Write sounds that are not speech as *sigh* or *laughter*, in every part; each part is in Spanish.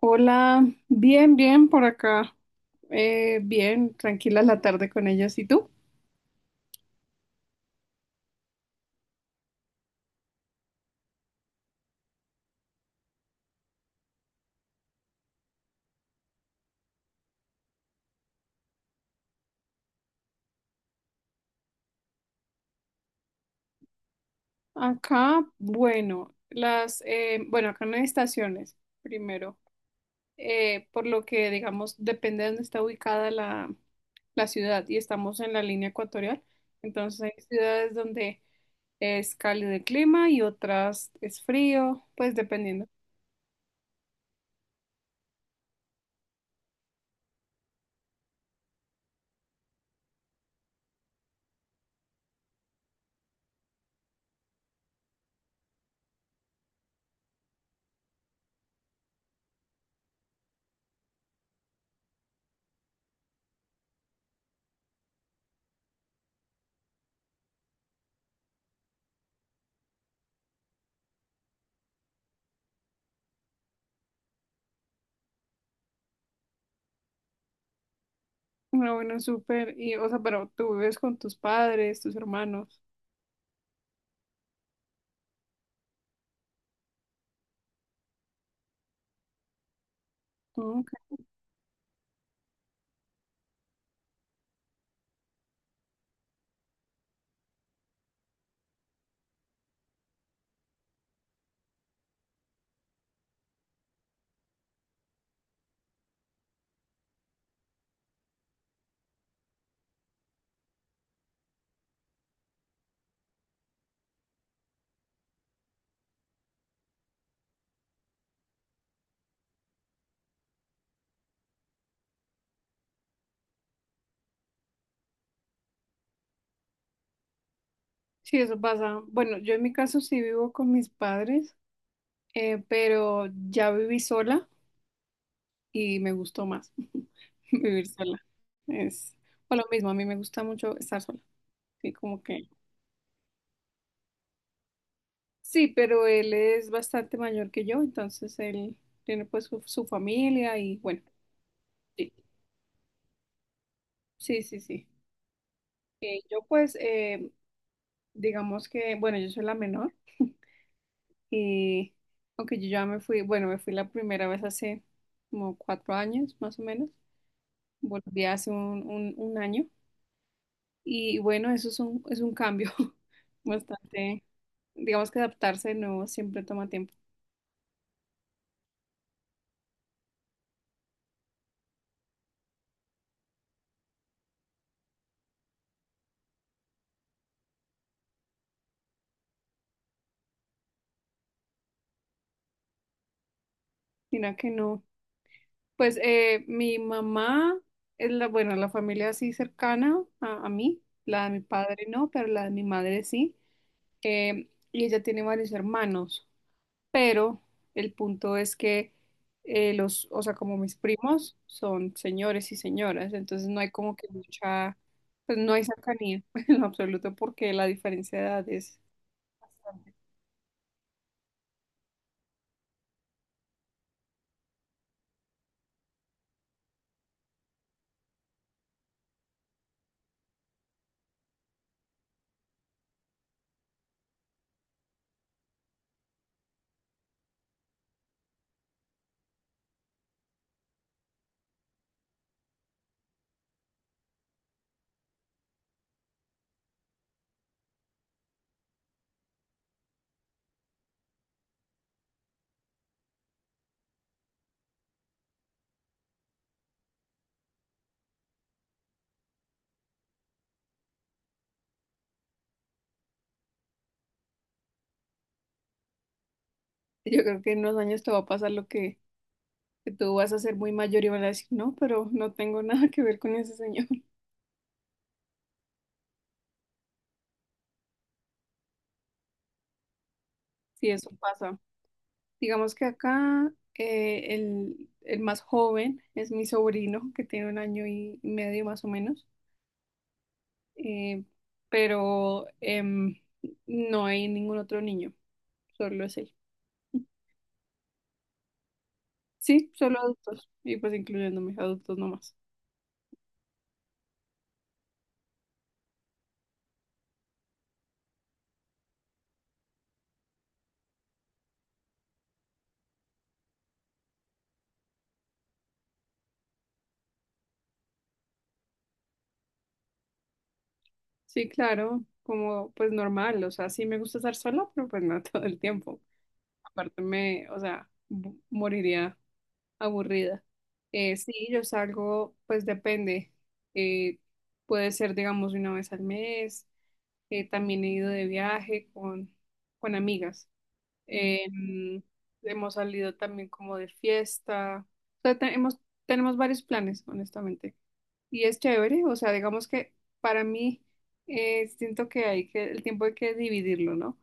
Hola, bien, bien por acá. Bien, tranquila la tarde con ellos. ¿Y tú? Acá, bueno, acá no hay estaciones, primero, por lo que, digamos, depende de dónde está ubicada la ciudad y estamos en la línea ecuatorial, entonces hay ciudades donde es cálido el clima y otras es frío, pues dependiendo. Ah, bueno, súper. Y, o sea, pero tú vives con tus padres, tus hermanos. Ok. Sí, eso pasa. Bueno, yo en mi caso sí vivo con mis padres, pero ya viví sola y me gustó más *laughs* vivir sola. Es o lo mismo, a mí me gusta mucho estar sola. Sí, como que. Sí, pero él es bastante mayor que yo, entonces él tiene pues su familia y bueno, sí, sí, sí, sí. Eh, yo pues, eh, digamos que, bueno, yo soy la menor. Eh, aunque yo ya me fui, bueno, me fui la primera vez hace como 4 años, más o menos. Volví hace un año. Y bueno, es un cambio *laughs* bastante, digamos que adaptarse de nuevo siempre toma tiempo. Mira que no. Mi mamá es la, bueno, la familia así cercana a mí, la de mi padre no, pero la de mi madre sí. Y ella tiene varios hermanos, pero el punto es que o sea, como mis primos son señores y señoras, entonces no hay como que mucha, pues no hay cercanía *laughs* en lo absoluto porque la diferencia de edad es bastante. Yo creo que en unos años te va a pasar lo que tú vas a ser muy mayor y van a decir, no, pero no tengo *laughs* nada que ver con ese señor. *laughs* Sí, eso pasa. Digamos que acá el más joven es mi sobrino, que tiene un año y medio más o menos. eh, pero em, no hay ningún otro niño, solo es él. Sí, solo adultos, y pues incluyéndome, adultos nomás. Sí, claro, como pues normal, o sea, sí me gusta estar sola, pero pues no *laughs* todo el tiempo. Aparte o sea, moriría aburrida. Sí, yo salgo, pues depende. eh, Puede ser, digamos, una vez al mes. También he ido de viaje con amigas. Em, hemos salido también como de fiesta. O sea, tenemos varios planes, honestamente. Y es chévere, o sea, digamos que para mí siento que hay que, el tiempo hay que dividirlo, ¿no?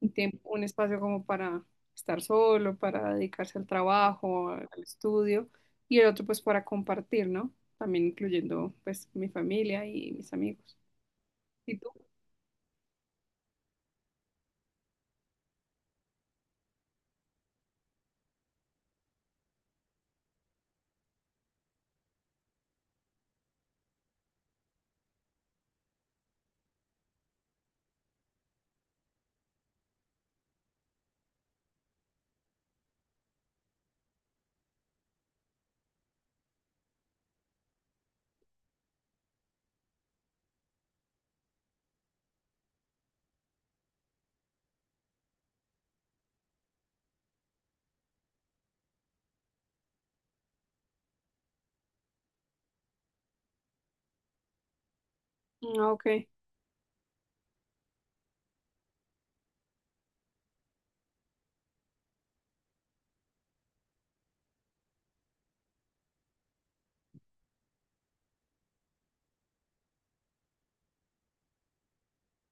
Un tiempo, un espacio como para estar solo, para dedicarse al trabajo, al estudio, y el otro pues para compartir, ¿no? También incluyendo pues mi familia y mis amigos. ¿Y tú? Ah, Ok,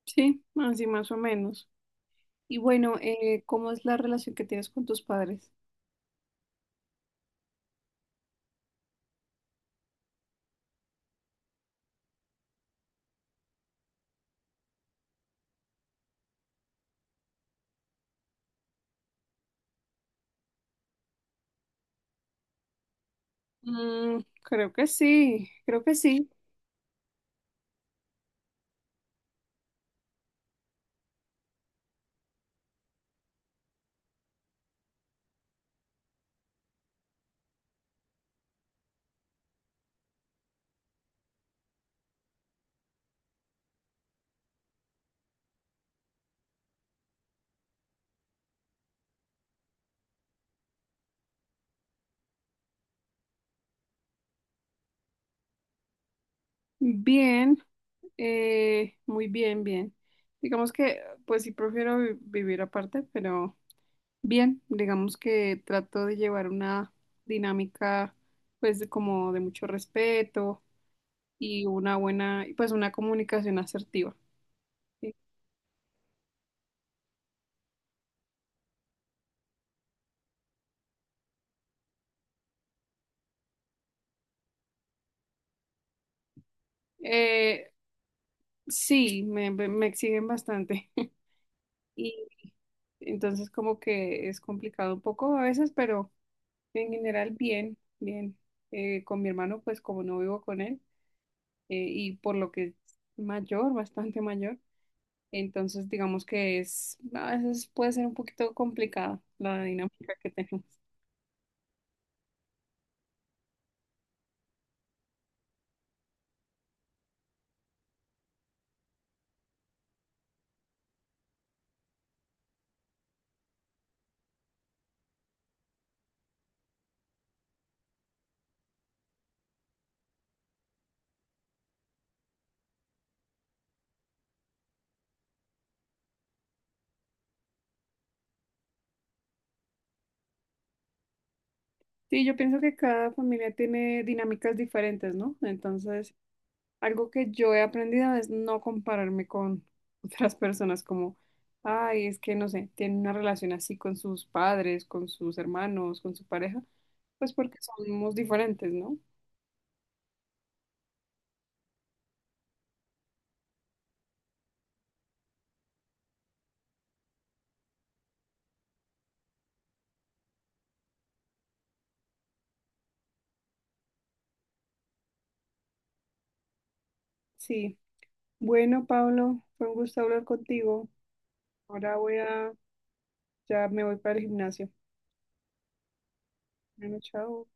sí, así más o menos. Y bueno, ¿cómo es la relación que tienes con tus padres? Mm, creo que sí, creo que sí. Bien, muy bien, bien. Digamos que, pues sí, prefiero vivir aparte, pero bien, digamos que trato de llevar una dinámica, pues, de como de mucho respeto y una buena, y, pues, una comunicación asertiva. ¿Sí? Eh, sí, me exigen bastante. *laughs* Y Entonces como que es complicado un poco a veces, pero en general bien, bien. Con mi hermano, pues como no vivo con él y por lo que es mayor, *laughs* bastante mayor, entonces digamos que es, a veces puede ser un poquito complicada la dinámica que tenemos. Sí, yo pienso que cada familia tiene dinámicas diferentes, ¿no? Entonces, algo que yo he aprendido es no compararme con *laughs* otras personas como, ay, es que no sé, tienen una relación así con sus padres, con sus hermanos, con su pareja, pues porque somos diferentes, ¿no? Sí. Bueno, Pablo, fue un gusto hablar contigo. Ahora voy a, ya me voy para el gimnasio. Bueno, chao.